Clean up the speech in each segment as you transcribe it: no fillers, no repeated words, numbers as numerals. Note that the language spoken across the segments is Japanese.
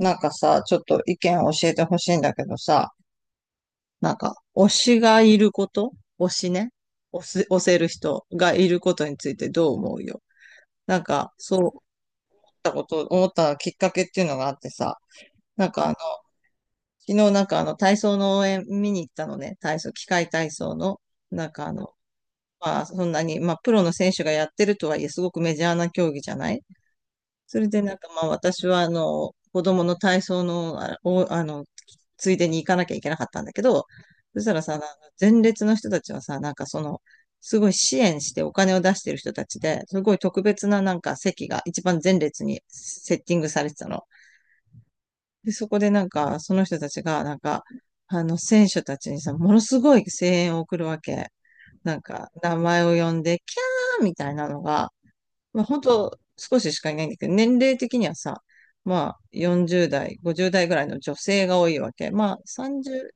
なんかさ、ちょっと意見を教えてほしいんだけどさ、なんか、推しがいること、推しね。推す、推せる人がいることについてどう思うよ？なんか、そう思ったきっかけっていうのがあってさ、なんかあの、昨日なんかあの、体操の応援見に行ったのね。機械体操の、なんかあの、まあ、そんなに、まあ、プロの選手がやってるとはいえ、すごくメジャーな競技じゃない。それでなんかまあ私はあの子供の体操の、あを、あの、ついでに行かなきゃいけなかったんだけど、そしたらさ、あの前列の人たちはさ、なんかその、すごい支援してお金を出してる人たちで、すごい特別ななんか席が一番前列にセッティングされてたの。で、そこでなんかその人たちがなんか、あの選手たちにさ、ものすごい声援を送るわけ。なんか名前を呼んで、キャーみたいなのが、まあ本当少ししかいないんだけど、年齢的にはさ、まあ40代、50代ぐらいの女性が多いわけ。まあ30、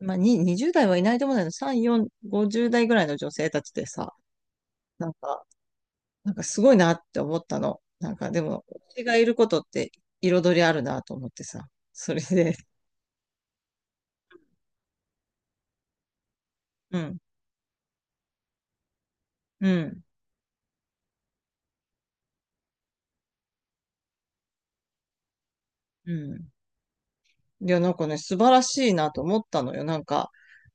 まあに20代はいないと思うんだけど、3、4、50代ぐらいの女性たちでさ、なんか、なんかすごいなって思ったの。なんかでも、推しがいることって彩りあるなと思ってさ、それで、うん、うん、うん。いや、なんかね、素晴らしいなと思ったのよ。なんか、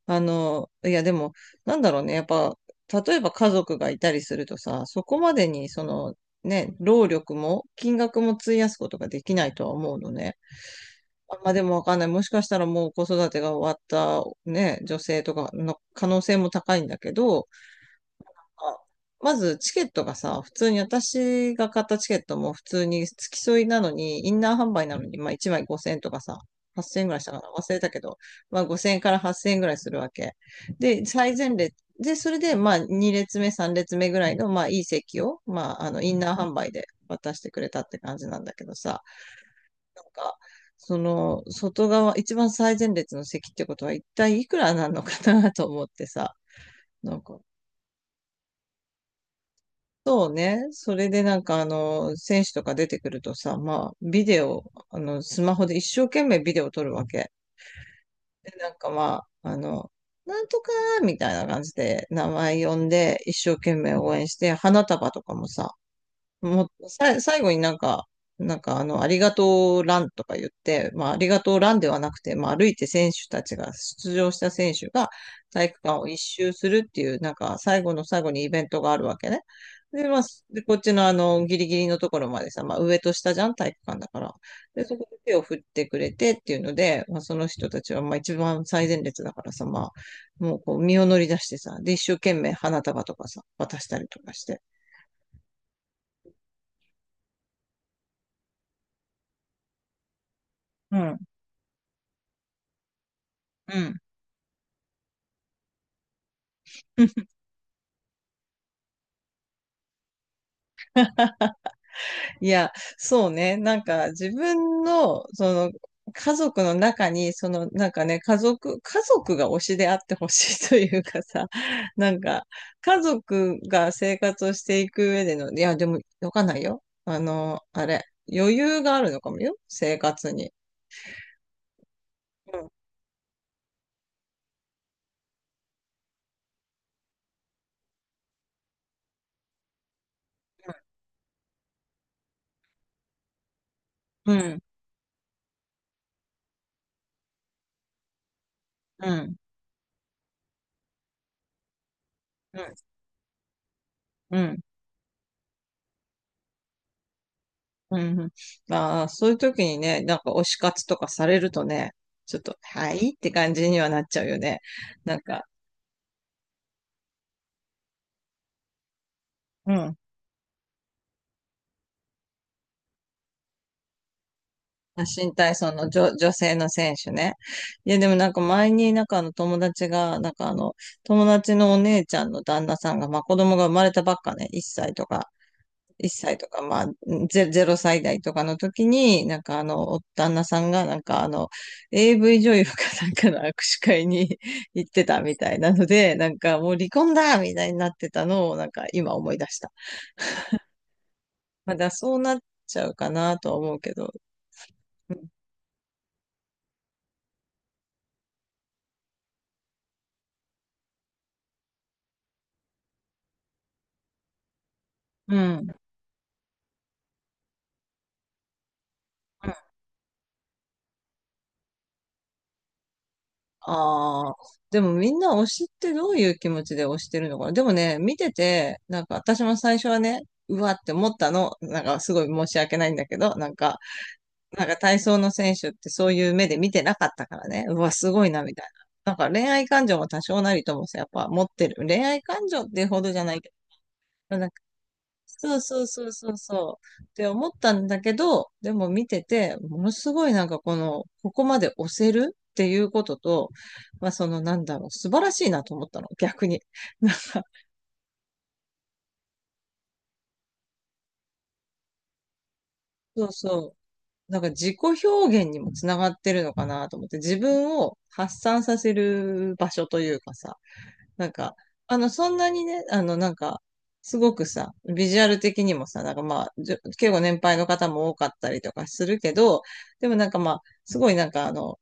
あの、いやでも、なんだろうね、やっぱ、例えば家族がいたりするとさ、そこまでに、その、ね、労力も、金額も費やすことができないとは思うのね。あまあでもわかんない。もしかしたらもう子育てが終わった、ね、女性とかの可能性も高いんだけど、あまずチケットがさ、普通に私が買ったチケットも普通に付き添いなのに、インナー販売なのに、まあ1枚5000円とかさ、8000円ぐらいしたかな忘れたけど、まあ5000円から8000円ぐらいするわけ。で、最前列、で、それでまあ2列目、3列目ぐらいのまあいい席を、まああのインナー販売で渡してくれたって感じなんだけどさ、なんか、その外側、一番最前列の席ってことは一体いくらなのかなと思ってさ、なんか、そうね。それでなんかあの、選手とか出てくるとさ、まあ、ビデオ、あの、スマホで一生懸命ビデオ撮るわけ。で、なんかまあ、あの、なんとかみたいな感じで名前呼んで、一生懸命応援して、花束とかもさ、もうさ、最後になんか、なんかあの、ありがとうランとか言って、まあ、ありがとうランではなくて、まあ、歩いて選手たちが、出場した選手が体育館を一周するっていう、なんか最後の最後にイベントがあるわけね。で、まあ、で、こっちのあの、ギリギリのところまでさ、まあ、上と下じゃん、体育館だから。で、そこで手を振ってくれてっていうので、まあ、その人たちは、まあ、一番最前列だからさ、まあ、もうこう、身を乗り出してさ、で、一生懸命花束とかさ、渡したりとかして。うん。うん。いや、そうね。なんか自分の、その、家族の中に、その、なんかね、家族が推しであってほしいというかさ、なんか、家族が生活をしていく上での、いや、でも、わかんないよ。あの、あれ、余裕があるのかもよ、生活に。うん、うん、うん、うん、うん。うん、まあ、そういう時にね、なんか推し活とかされるとね、ちょっと、はいって感じにはなっちゃうよね。なんか、うん。まあ新体操の女性の選手ね。いや、でもなんか前になんかあの友達が、なんかあの、友達のお姉ちゃんの旦那さんが、まあ子供が生まれたばっかね、1歳とか、1歳とか、まあ0歳代とかの時に、なんかあの、お旦那さんがなんかあの、AV 女優かなんかの握手会に 行ってたみたいなので、なんかもう離婚だみたいになってたのを、なんか今思い出した。まあだからそうなっちゃうかなとは思うけど。うん。ああ、でもみんな推しってどういう気持ちで推してるのかな。でもね、見てて、なんか私も最初はね、うわって思ったの、なんかすごい申し訳ないんだけど、なんか、なんか体操の選手ってそういう目で見てなかったからね、うわ、すごいな、みたいな。なんか恋愛感情も多少なりともさ、やっぱ持ってる。恋愛感情ってほどじゃないけど、そうそうそうそうそうって思ったんだけど、でも見てて、ものすごいなんかこの、ここまで押せるっていうことと、まあそのなんだろう、素晴らしいなと思ったの、逆に。なんか、そうそう。なんか自己表現にもつながってるのかなと思って、自分を発散させる場所というかさ、なんか、あの、そんなにね、あの、なんか、すごくさ、ビジュアル的にもさ、なんかまあ、結構年配の方も多かったりとかするけど、でもなんかまあ、すごいなんかあの、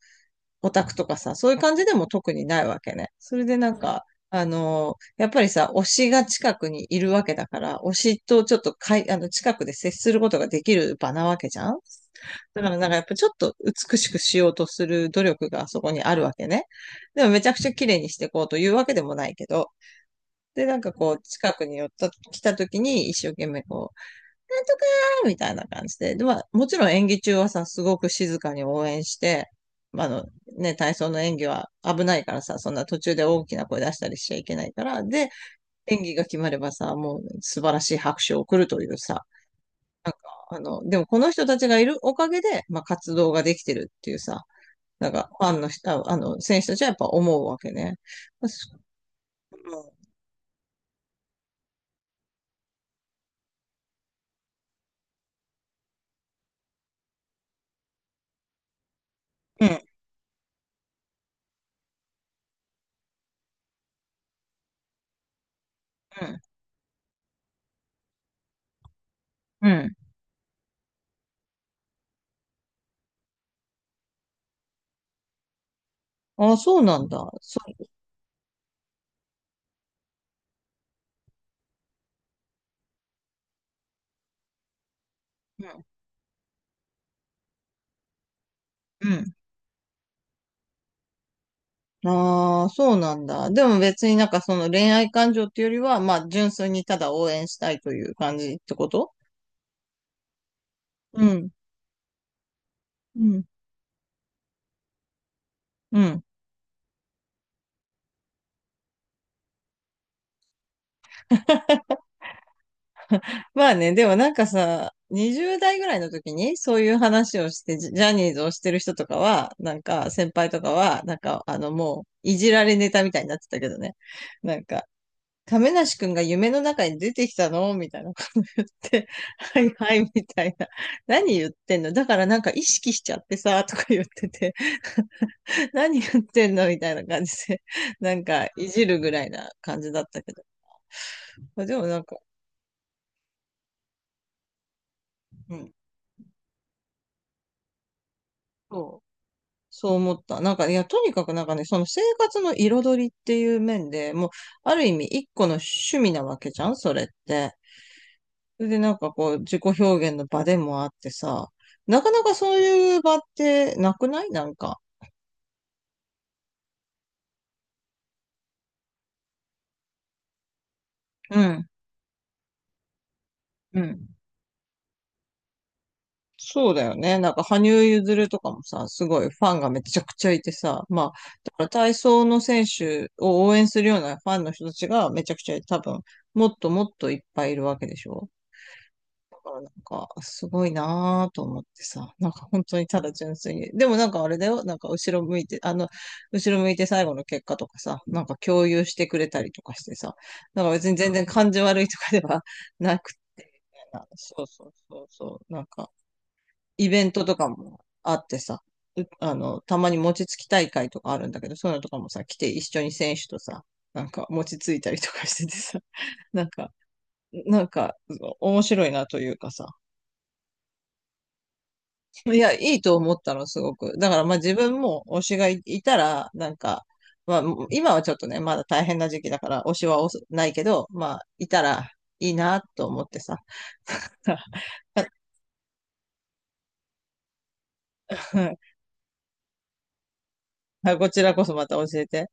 オタクとかさ、そういう感じでも特にないわけね。それでなんか、あのーやっぱりさ、推しが近くにいるわけだから、推しとちょっとかい、あの、近くで接することができる場なわけじゃん。だからなんかやっぱちょっと美しくしようとする努力がそこにあるわけね。でもめちゃくちゃ綺麗にしていこうというわけでもないけど、で、なんかこう、近くに寄った、来た時に一生懸命こなんとかーみたいな感じで、で、まあ、もちろん演技中はさ、すごく静かに応援して、まあ、あの、ね、体操の演技は危ないからさ、そんな途中で大きな声出したりしちゃいけないから、で、演技が決まればさ、もう素晴らしい拍手を送るというさ、なんか、あの、でもこの人たちがいるおかげで、まあ、活動ができてるっていうさ、なんか、ファンの人、ああの、選手たちはやっぱ思うわけね。まあそう、ん、うん、うん。ああ、そうなんだ。そう、うん、うん。ああ、そうなんだ。でも別になんかその恋愛感情っていうよりは、まあ純粋にただ応援したいという感じってこと？うん。うん。うん。まあね、でもなんかさ、20代ぐらいの時にそういう話をして、ジャニーズをしてる人とかは、なんか先輩とかは、なんかあのもういじられネタみたいになってたけどね。なんか、亀梨くんが夢の中に出てきたのみたいなこと言って、はいはいみたいな。何言ってんのだからなんか意識しちゃってさ、とか言ってて。何言ってんの みたいな感じで、なんか、いじるぐらいな感じだったけど。でもなんか、うん、そう、そう思った。なんか、いや、とにかくなんかね、その生活の彩りっていう面でもう、ある意味一個の趣味なわけじゃんそれって。それでなんかこう、自己表現の場でもあってさ、なかなかそういう場ってなくないなんか。うん。うん。そうだよね。なんか、羽生結弦とかもさ、すごいファンがめちゃくちゃいてさ、まあ、だから体操の選手を応援するようなファンの人たちがめちゃくちゃ多分、もっともっといっぱいいるわけでしょ。だからなんか、すごいなぁと思ってさ、なんか本当にただ純粋に。でもなんかあれだよ、なんか後ろ向いて最後の結果とかさ、なんか共有してくれたりとかしてさ、なんか別に全然感じ悪いとかではなくて、そうそうそうそう、なんか、イベントとかもあってさ、うあの、たまに餅つき大会とかあるんだけど、そういうのとかもさ、来て一緒に選手とさ、なんか餅ついたりとかしててさ、なんか、なんか、面白いなというかさ。いや、いいと思ったの、すごく。だから、まあ自分も推しがいいたら、なんか、まあ今はちょっとね、まだ大変な時期だから、推しは推すないけど、まあ、いたらいいなと思ってさ。こちらこそまた教えて。